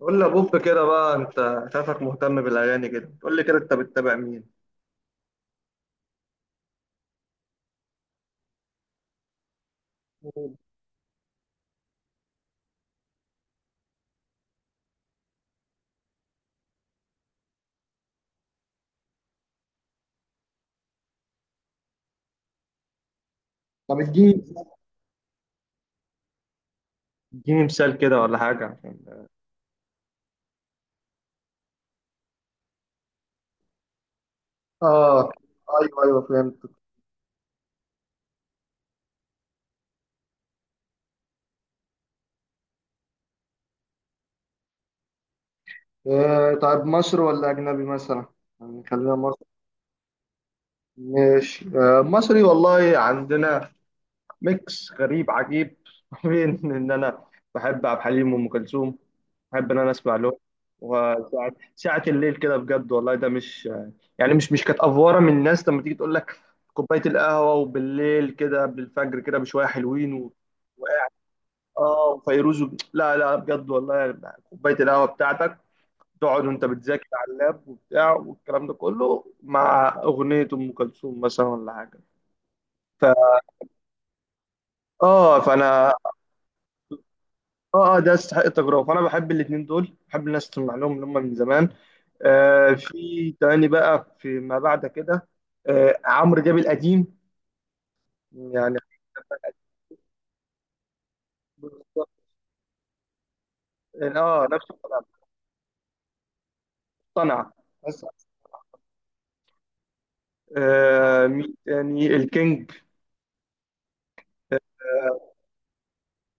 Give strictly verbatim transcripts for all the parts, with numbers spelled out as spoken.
قول لي يا بوب كده بقى، انت شايفك مهتم بالاغاني كده. قول لي كده، انت بتتابع مين؟ طب اديني، اديني مثال كده ولا حاجه عشان. اه، ايوه ايوه، فهمت. آه طيب، مصري ولا اجنبي مثلا؟ يعني خلينا مصري. ماشي، آه مصري. والله عندنا ميكس غريب عجيب بين ان انا بحب عبد الحليم وام كلثوم، بحب ان انا اسمع لهم. وساعة ساعة الليل كده بجد، والله ده مش يعني مش مش كانت افوره من الناس لما تيجي تقول لك كوبايه القهوه، وبالليل كده قبل الفجر كده بشويه حلوين و... اه، وفيروز و... لا لا، بجد والله، يعني كوبايه القهوه بتاعتك تقعد وانت بتذاكر على اللاب وبتاع، والكلام ده كله مع اغنيه ام كلثوم مثلا ولا حاجه. ف... اه فانا، اه اه، ده يستحق التجربه. فانا بحب الاثنين دول، بحب الناس تسمع لهم، اللي هم من زمان. آه، في تاني بقى في ما بعد كده. آه عمرو دياب القديم، يعني. اه نفس الكلام، مقتنع. بس آه، مين تاني؟ الكينج. آه.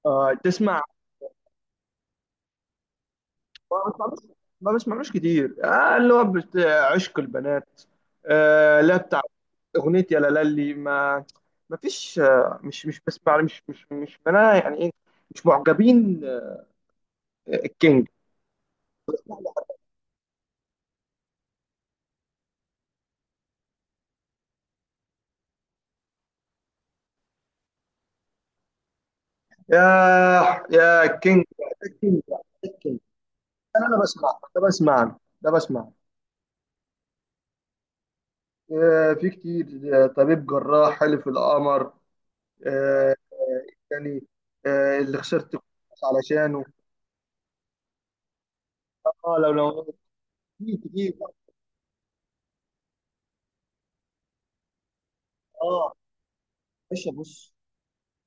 آه، تسمع؟ ما بسمعلوش، ما بسمعلوش كتير. آه، اللي هو بت- عشق البنات. آه لا، بتاع اغنيه يا لالي ما. ما فيش، آه مش مش بسمع، مش مش مش انا يعني ايه، مش معجبين. كينج؟ يا يا كينج. كينج، كينج. انا انا بسمع ده، بسمع ده، بسمع. آه، في كتير. آه، طبيب جراح، حلف القمر. آه، آه، يعني آه، اللي خسرت كنت علشانه. اه لو، لو كتير كتير. اه باشا بص،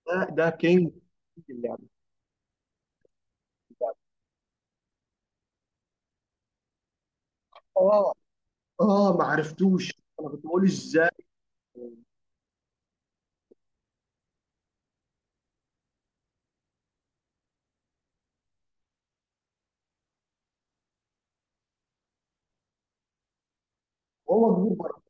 ده ده كينج في اللعبه. اه اه ما عرفتوش، انا كنت بقول ازاي. هو كبير برضه.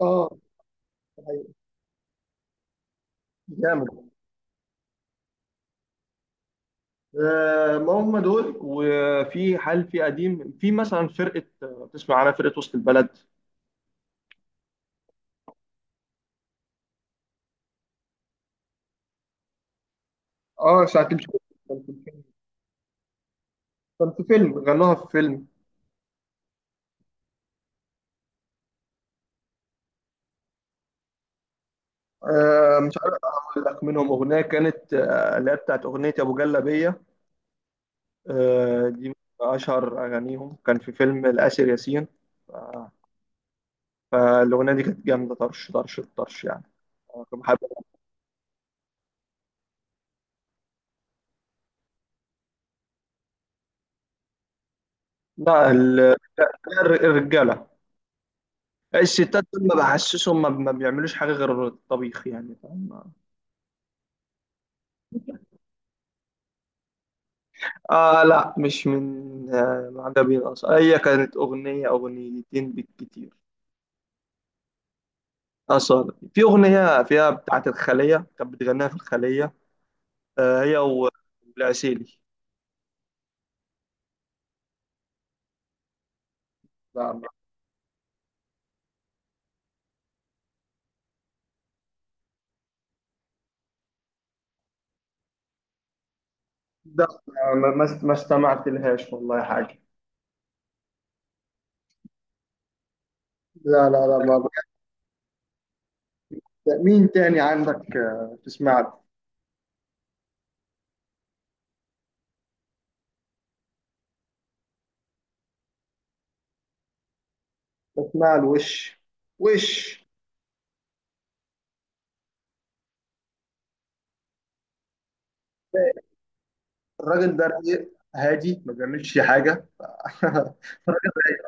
اه ده حقيقي. جامد. آه، ما هم دول. وفي حال، في قديم، في مثلا فرقة، آه، تسمع عنها فرقة وسط البلد. اه ساعة تمشي. كان في فيلم، كان في فيلم، غنوها في فيلم. آه، مش عارف اقول لك منهم اغنية كانت آه، اللي هي بتاعت اغنية ابو جلابية. آه دي من اشهر اغانيهم، كان في فيلم الاسر ياسين. آه، فالاغنية دي كانت جامدة، طرش طرش طرش يعني. آه، كنت بحب. لا ال- الر- الرجالة. الستات دول ما بحسسهم، ما ما بيعملوش حاجة غير الطبيخ، يعني فاهم. آه لا، مش من آه معجبين أصلا، هي كانت أغنية أغنيتين بالكتير. أصلا في أغنية فيها بتاعة الخلية، كانت بتغنيها في الخلية. آه هي و- والعسيلي. لا، ده ما ما ما استمعت لهاش والله حاجة. لا لا لا، ما بحب. مين تاني عندك آه، تسمع له؟ بسمع له. وش، وش؟ الراجل ده رايق، هادي، ما بيعملش حاجة الراجل رايق.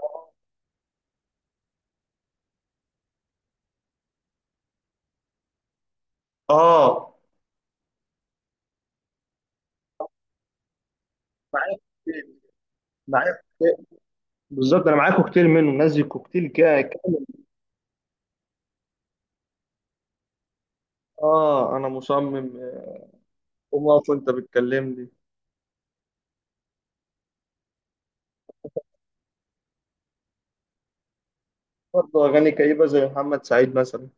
آه معايا في البيت، معايا بالظبط. انا معايا كوكتيل منه نازل، كوكتيل كده كامل. اه انا مصمم، آه، قوم اقف وانت بتكلمني. برضه اغاني كئيبه زي محمد سعيد مثلا.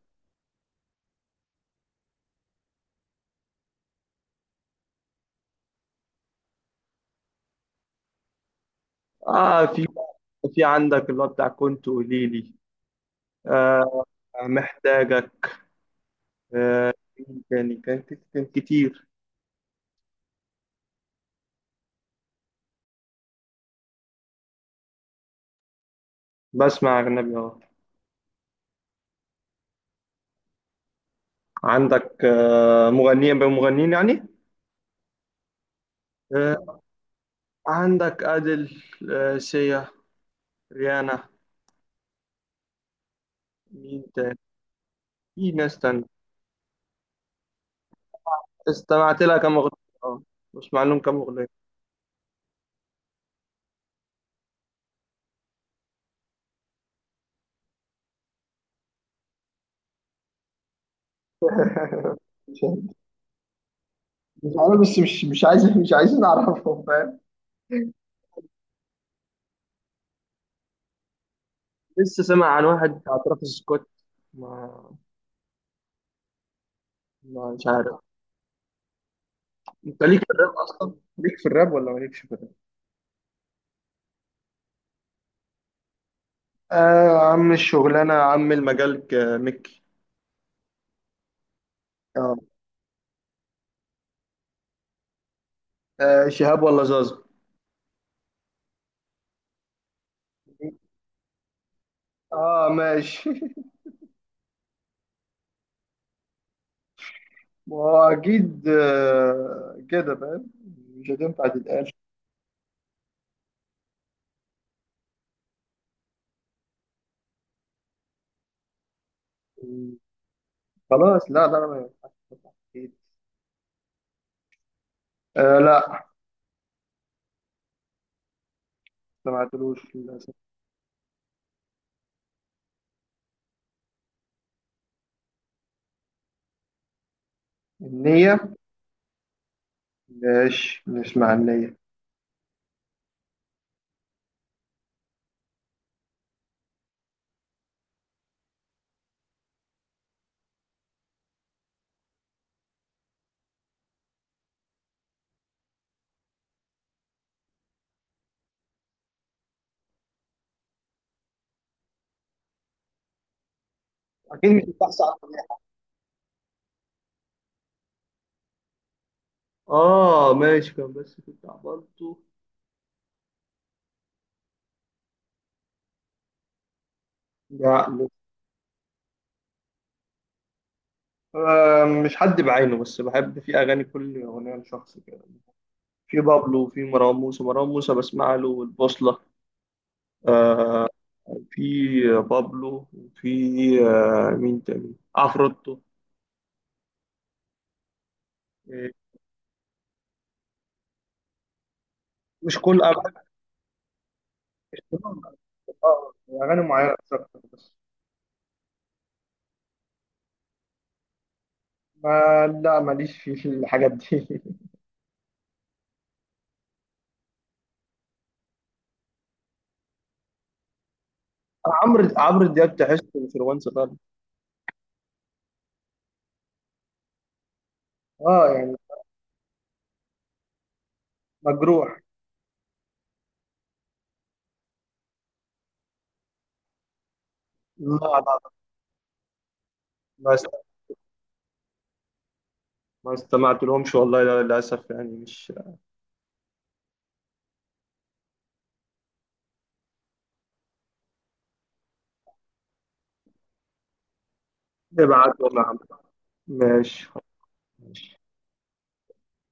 اه، في، في عندك اللي هو بتاع، كنت قولي لي. آه محتاجك. آه يعني كان، كان كتير. بسمع اجنبي اه. عندك آه مغنيين بمغنيين يعني. آه عندك ادل، آه سيا، ريانا. مين تاني؟ في ناس تانية. استمعت لها كام اغنيه. اه، بسمع لهم كام اغنيه. مش عارف، بس مش مش عايز، مش عايزين نعرفهم، فاهم. لسه سامع عن واحد بتاع ترافيس سكوت. ما ما مش عارف. انت ليك في الراب اصلا؟ ليك في الراب ولا مالكش في الراب؟ آه عم الشغلانة، عم المجال، ك- مكي. اه. آه شهاب ولا زازا؟ اه ماشي ما هو اكيد آه كده فاهم، مش هتنفع تتقال. خلاص لا لا، ما ينفعش، أكيد. آه لا، ما سمعتلوش للاسف. النية؟ ماشي نسمع النية. أكيد مش هتحصل على النية. اه ماشي، كان بس كنت عبرته. لا آه، مش حد بعينه، بس بحب في أغاني، كل أغنية لشخص كده. في بابلو، وفي مروان موسى، مروان موسى بسمع له، والبوصلة. آه. في بابلو، وفي آه مين تاني، عفروتو. آه، مش كل أغاني. آه، أغاني معينة بس أكتر بس. ما لا، ماليش في الحاجات دي. عمرو، عمرو دياب تحس انفلونسر. اه يعني، مجروح. لا لا لا، ما است- ما استمعت لهمش والله، لا- للأسف يعني مش. ابعت ولا عم؟ ماشي.